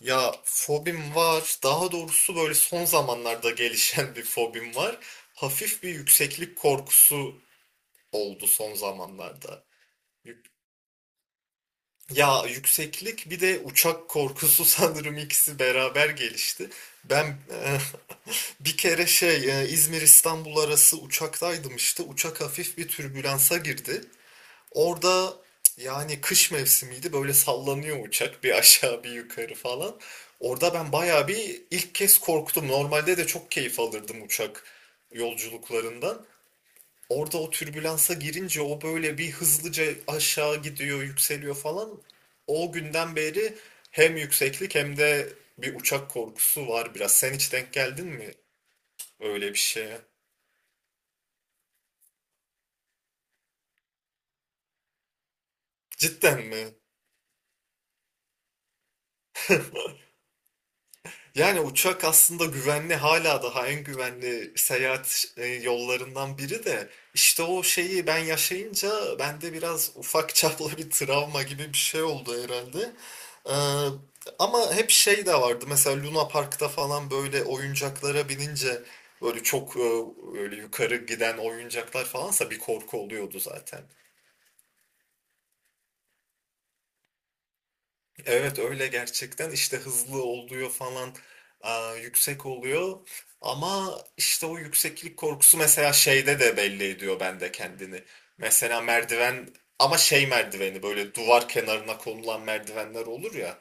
Ya fobim var. Daha doğrusu böyle son zamanlarda gelişen bir fobim var. Hafif bir yükseklik korkusu oldu son zamanlarda. Yük- Ya yükseklik bir de uçak korkusu sanırım ikisi beraber gelişti. Ben e, bir kere İzmir İstanbul arası uçaktaydım işte. Uçak hafif bir türbülansa girdi. Orada yani kış mevsimiydi böyle sallanıyor uçak bir aşağı bir yukarı falan. Orada ben bayağı bir ilk kez korktum. Normalde de çok keyif alırdım uçak yolculuklarından. Orada o türbülansa girince o böyle bir hızlıca aşağı gidiyor, yükseliyor falan. O günden beri hem yükseklik hem de bir uçak korkusu var biraz. Sen hiç denk geldin mi öyle bir şeye? Cidden mi? Yani uçak aslında güvenli hala daha en güvenli seyahat yollarından biri de işte o şeyi ben yaşayınca bende biraz ufak çaplı bir travma gibi bir şey oldu herhalde. Ee, ama hep şey de vardı mesela Luna Park'ta falan böyle oyuncaklara binince böyle böyle yukarı giden oyuncaklar falansa bir korku oluyordu zaten. Evet öyle gerçekten işte hızlı oluyor falan aa, yüksek oluyor ama işte o yükseklik korkusu mesela şeyde de belli ediyor bende kendini. Mesela merdiven, ama şey merdiveni böyle duvar kenarına konulan merdivenler olur ya.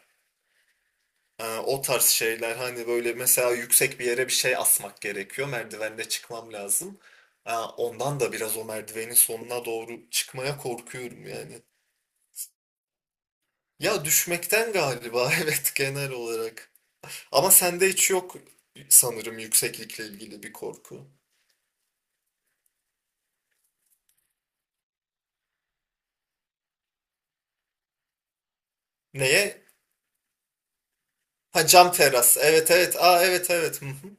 Aa, o tarz şeyler hani böyle mesela yüksek bir yere bir şey asmak gerekiyor, merdivende çıkmam lazım. Aa, ondan da biraz o merdivenin sonuna doğru çıkmaya korkuyorum yani. Ya düşmekten galiba evet genel olarak. Ama sende hiç yok sanırım yükseklikle ilgili bir korku. Neye? Ha cam teras. Evet, evet. Aa, evet, evet. Hı hı.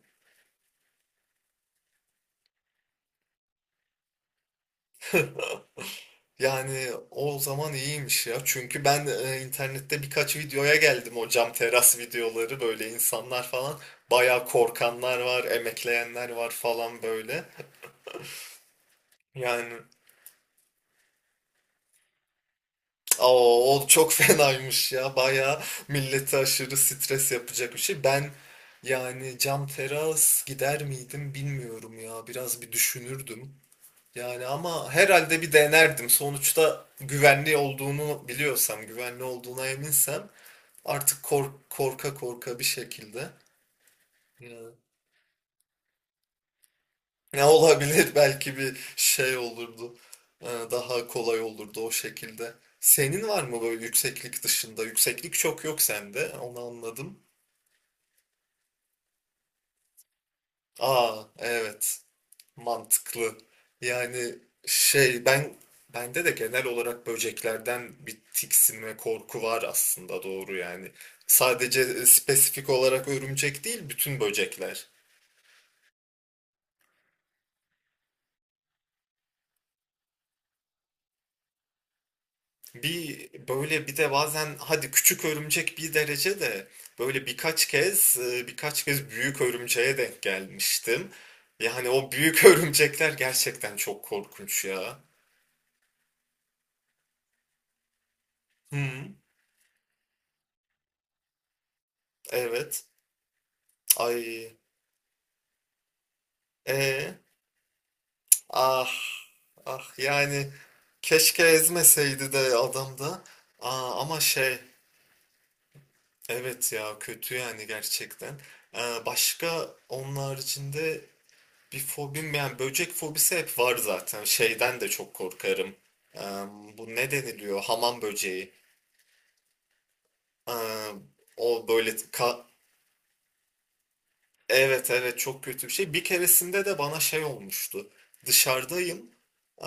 Yani o zaman iyiymiş ya. Çünkü ben internette birkaç videoya geldim, o cam teras videoları böyle insanlar falan. Bayağı korkanlar var, emekleyenler var falan böyle. Yani oo, o çok fenaymış ya. Bayağı millete aşırı stres yapacak bir şey. Ben yani cam teras gider miydim bilmiyorum ya. Biraz bir düşünürdüm. Yani ama herhalde bir denerdim. Sonuçta güvenli olduğunu biliyorsam, güvenli olduğuna eminsem artık kork korka korka bir şekilde. Ya. Ne olabilir belki bir şey olurdu. Daha kolay olurdu o şekilde. Senin var mı böyle yükseklik dışında? Yükseklik çok yok sende. Onu anladım. Aa, evet. Mantıklı. Yani şey, bende de genel olarak böceklerden bir tiksinme korku var aslında, doğru yani. Sadece spesifik olarak örümcek değil, bütün böcekler. Bir böyle bir de bazen hadi küçük örümcek bir derece de, böyle birkaç kez büyük örümceğe denk gelmiştim. Yani o büyük örümcekler gerçekten çok korkunç ya. Hı, evet. Ay. E, ah. Ah yani keşke ezmeseydi de adam da. Aa, ama şey, evet ya kötü yani gerçekten. Başka onun haricinde bir fobim, yani böcek fobisi hep var zaten. Şeyden de çok korkarım. Eee, bu ne deniliyor? Hamam böceği. Eee, o böyle evet, evet çok kötü bir şey. Bir keresinde de bana şey olmuştu. Dışarıdayım. Eee,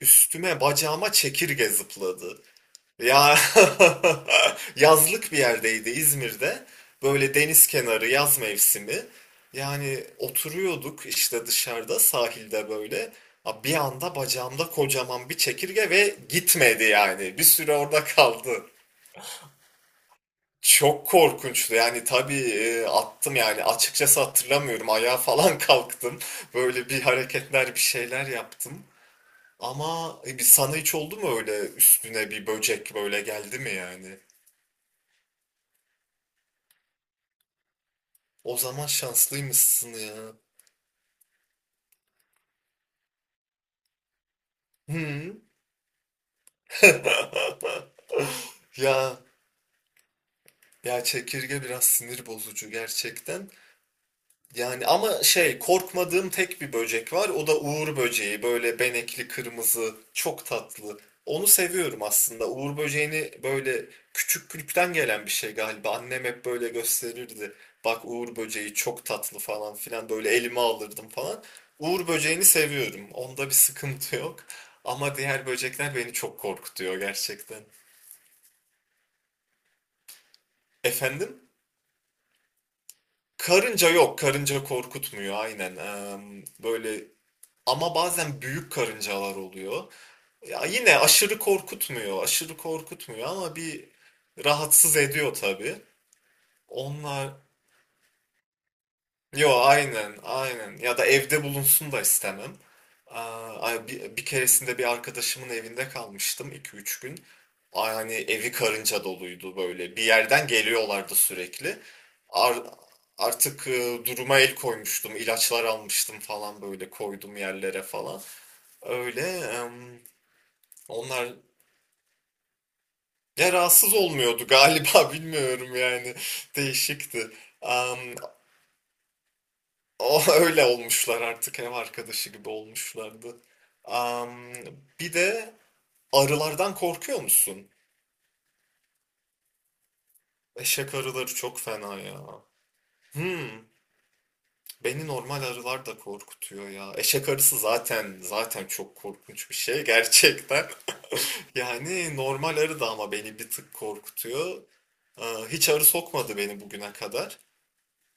üstüme bacağıma çekirge zıpladı. Ya yazlık bir yerdeydi İzmir'de. Böyle deniz kenarı yaz mevsimi. Yani oturuyorduk işte dışarıda sahilde böyle. Ha, bir anda bacağımda kocaman bir çekirge ve gitmedi yani. Bir süre orada kaldı. Çok korkunçtu yani, tabii attım yani, açıkçası hatırlamıyorum, ayağa falan kalktım. Böyle bir hareketler, bir şeyler yaptım. Ama bir sana hiç oldu mu öyle üstüne bir böcek böyle geldi mi yani? O zaman şanslıymışsın ya. Hı. Ya ya çekirge biraz sinir bozucu gerçekten. Yani ama şey, korkmadığım tek bir böcek var. O da uğur böceği. Böyle benekli, kırmızı, çok tatlı. Onu seviyorum aslında. Uğur böceğini, böyle küçüklükten gelen bir şey galiba. Annem hep böyle gösterirdi. Bak uğur böceği çok tatlı falan filan. Böyle elime alırdım falan. Uğur böceğini seviyorum. Onda bir sıkıntı yok. Ama diğer böcekler beni çok korkutuyor gerçekten. Efendim? Karınca yok. Karınca korkutmuyor, aynen. Böyle ama bazen büyük karıncalar oluyor. Ya yine aşırı korkutmuyor, aşırı korkutmuyor ama bir rahatsız ediyor tabii. Onlar, yo aynen, aynen. Ya da evde bulunsun da istemem. Aa, ay, bir keresinde bir arkadaşımın evinde kalmıştım iki üç gün. Ay, hani evi karınca doluydu böyle. Bir yerden geliyorlardı sürekli. Ar- artık duruma el koymuştum, ilaçlar almıştım falan, böyle koydum yerlere falan. Öyle. Onlar ya rahatsız olmuyordu galiba, bilmiyorum yani, değişikti. Am, o öyle olmuşlar, artık ev arkadaşı gibi olmuşlardı. Am, bir de arılardan korkuyor musun? Eşek arıları çok fena ya. Hmm, beni normal arılar da korkutuyor ya. Eşek arısı zaten çok korkunç bir şey gerçekten. Yani normal arı da ama beni bir tık korkutuyor. Aa, hiç arı sokmadı beni bugüne kadar.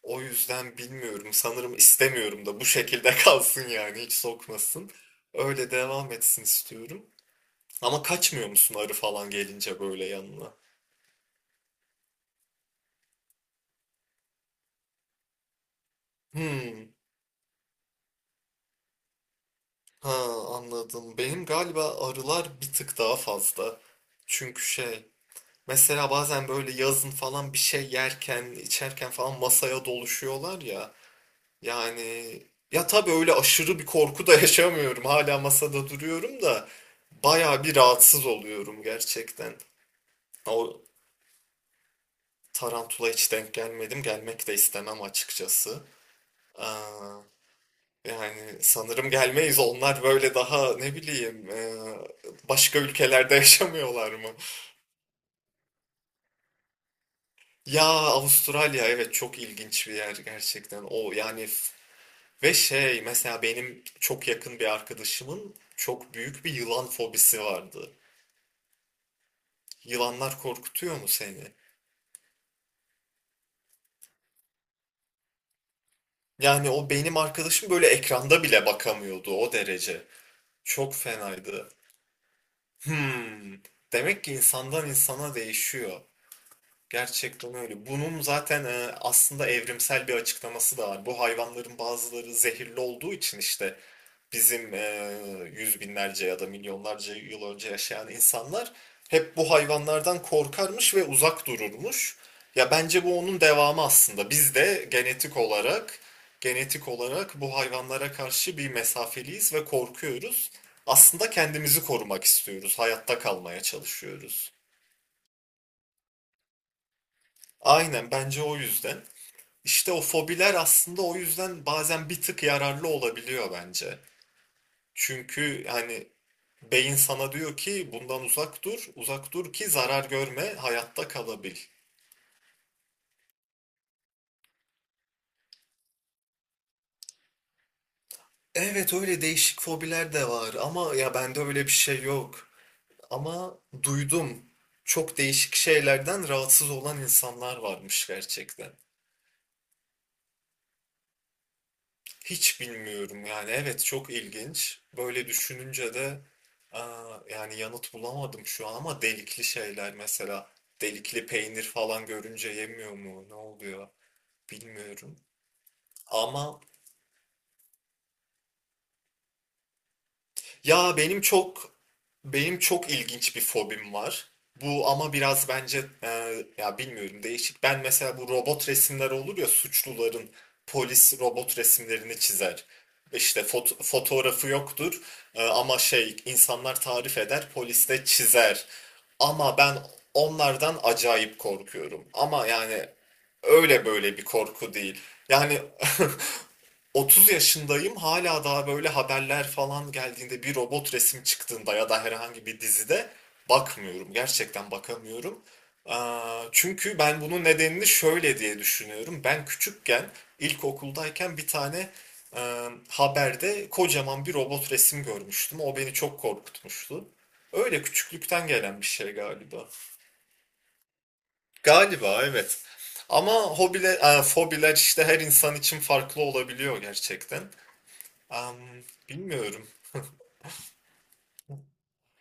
O yüzden bilmiyorum. Sanırım istemiyorum da, bu şekilde kalsın yani, hiç sokmasın. Öyle devam etsin istiyorum. Ama kaçmıyor musun arı falan gelince böyle yanına? Hmm, ha, anladım. Benim galiba arılar bir tık daha fazla. Çünkü şey, mesela bazen böyle yazın falan bir şey yerken, içerken falan masaya doluşuyorlar ya. Yani ya tabii öyle aşırı bir korku da yaşamıyorum. Hala masada duruyorum da bayağı bir rahatsız oluyorum gerçekten. O tarantula hiç denk gelmedim. Gelmek de istemem açıkçası. Aa, yani sanırım gelmeyiz. Onlar böyle daha ne bileyim başka ülkelerde yaşamıyorlar mı? Ya Avustralya evet çok ilginç bir yer gerçekten. O yani ve şey, mesela benim çok yakın bir arkadaşımın çok büyük bir yılan fobisi vardı. Yılanlar korkutuyor mu seni? Yani o benim arkadaşım böyle ekranda bile bakamıyordu, o derece. Çok fenaydı. Hmm. Demek ki insandan insana değişiyor. Gerçekten öyle. Bunun zaten aslında evrimsel bir açıklaması da var. Bu hayvanların bazıları zehirli olduğu için işte bizim yüz binlerce ya da milyonlarca yıl önce yaşayan insanlar hep bu hayvanlardan korkarmış ve uzak dururmuş. Ya bence bu onun devamı aslında. Biz de genetik olarak genetik olarak bu hayvanlara karşı bir mesafeliyiz ve korkuyoruz. Aslında kendimizi korumak istiyoruz, hayatta kalmaya çalışıyoruz. Aynen bence o yüzden. İşte o fobiler aslında o yüzden bazen bir tık yararlı olabiliyor bence. Çünkü hani beyin sana diyor ki bundan uzak dur, uzak dur ki zarar görme, hayatta kalabil. Evet öyle değişik fobiler de var ama ya bende öyle bir şey yok. Ama duydum çok değişik şeylerden rahatsız olan insanlar varmış gerçekten. Hiç bilmiyorum yani, evet çok ilginç. Böyle düşününce de aa, yani yanıt bulamadım şu an, ama delikli şeyler mesela delikli peynir falan görünce yemiyor mu, ne oluyor bilmiyorum. Ama ya benim çok ilginç bir fobim var. Bu ama biraz bence ya bilmiyorum, değişik. Ben mesela bu robot resimler olur ya, suçluların polis robot resimlerini çizer. İşte fotoğrafı yoktur ama şey, insanlar tarif eder, polis de çizer. Ama ben onlardan acayip korkuyorum. Ama yani öyle böyle bir korku değil. Yani 30 yaşındayım, hala daha böyle haberler falan geldiğinde bir robot resim çıktığında ya da herhangi bir dizide bakmıyorum. Gerçekten bakamıyorum. Aa, çünkü ben bunun nedenini şöyle diye düşünüyorum. Ben küçükken ilkokuldayken bir tane e, haberde kocaman bir robot resim görmüştüm. O beni çok korkutmuştu. Öyle küçüklükten gelen bir şey galiba. Galiba evet. Ama fobiler işte her insan için farklı olabiliyor gerçekten. Am, bilmiyorum.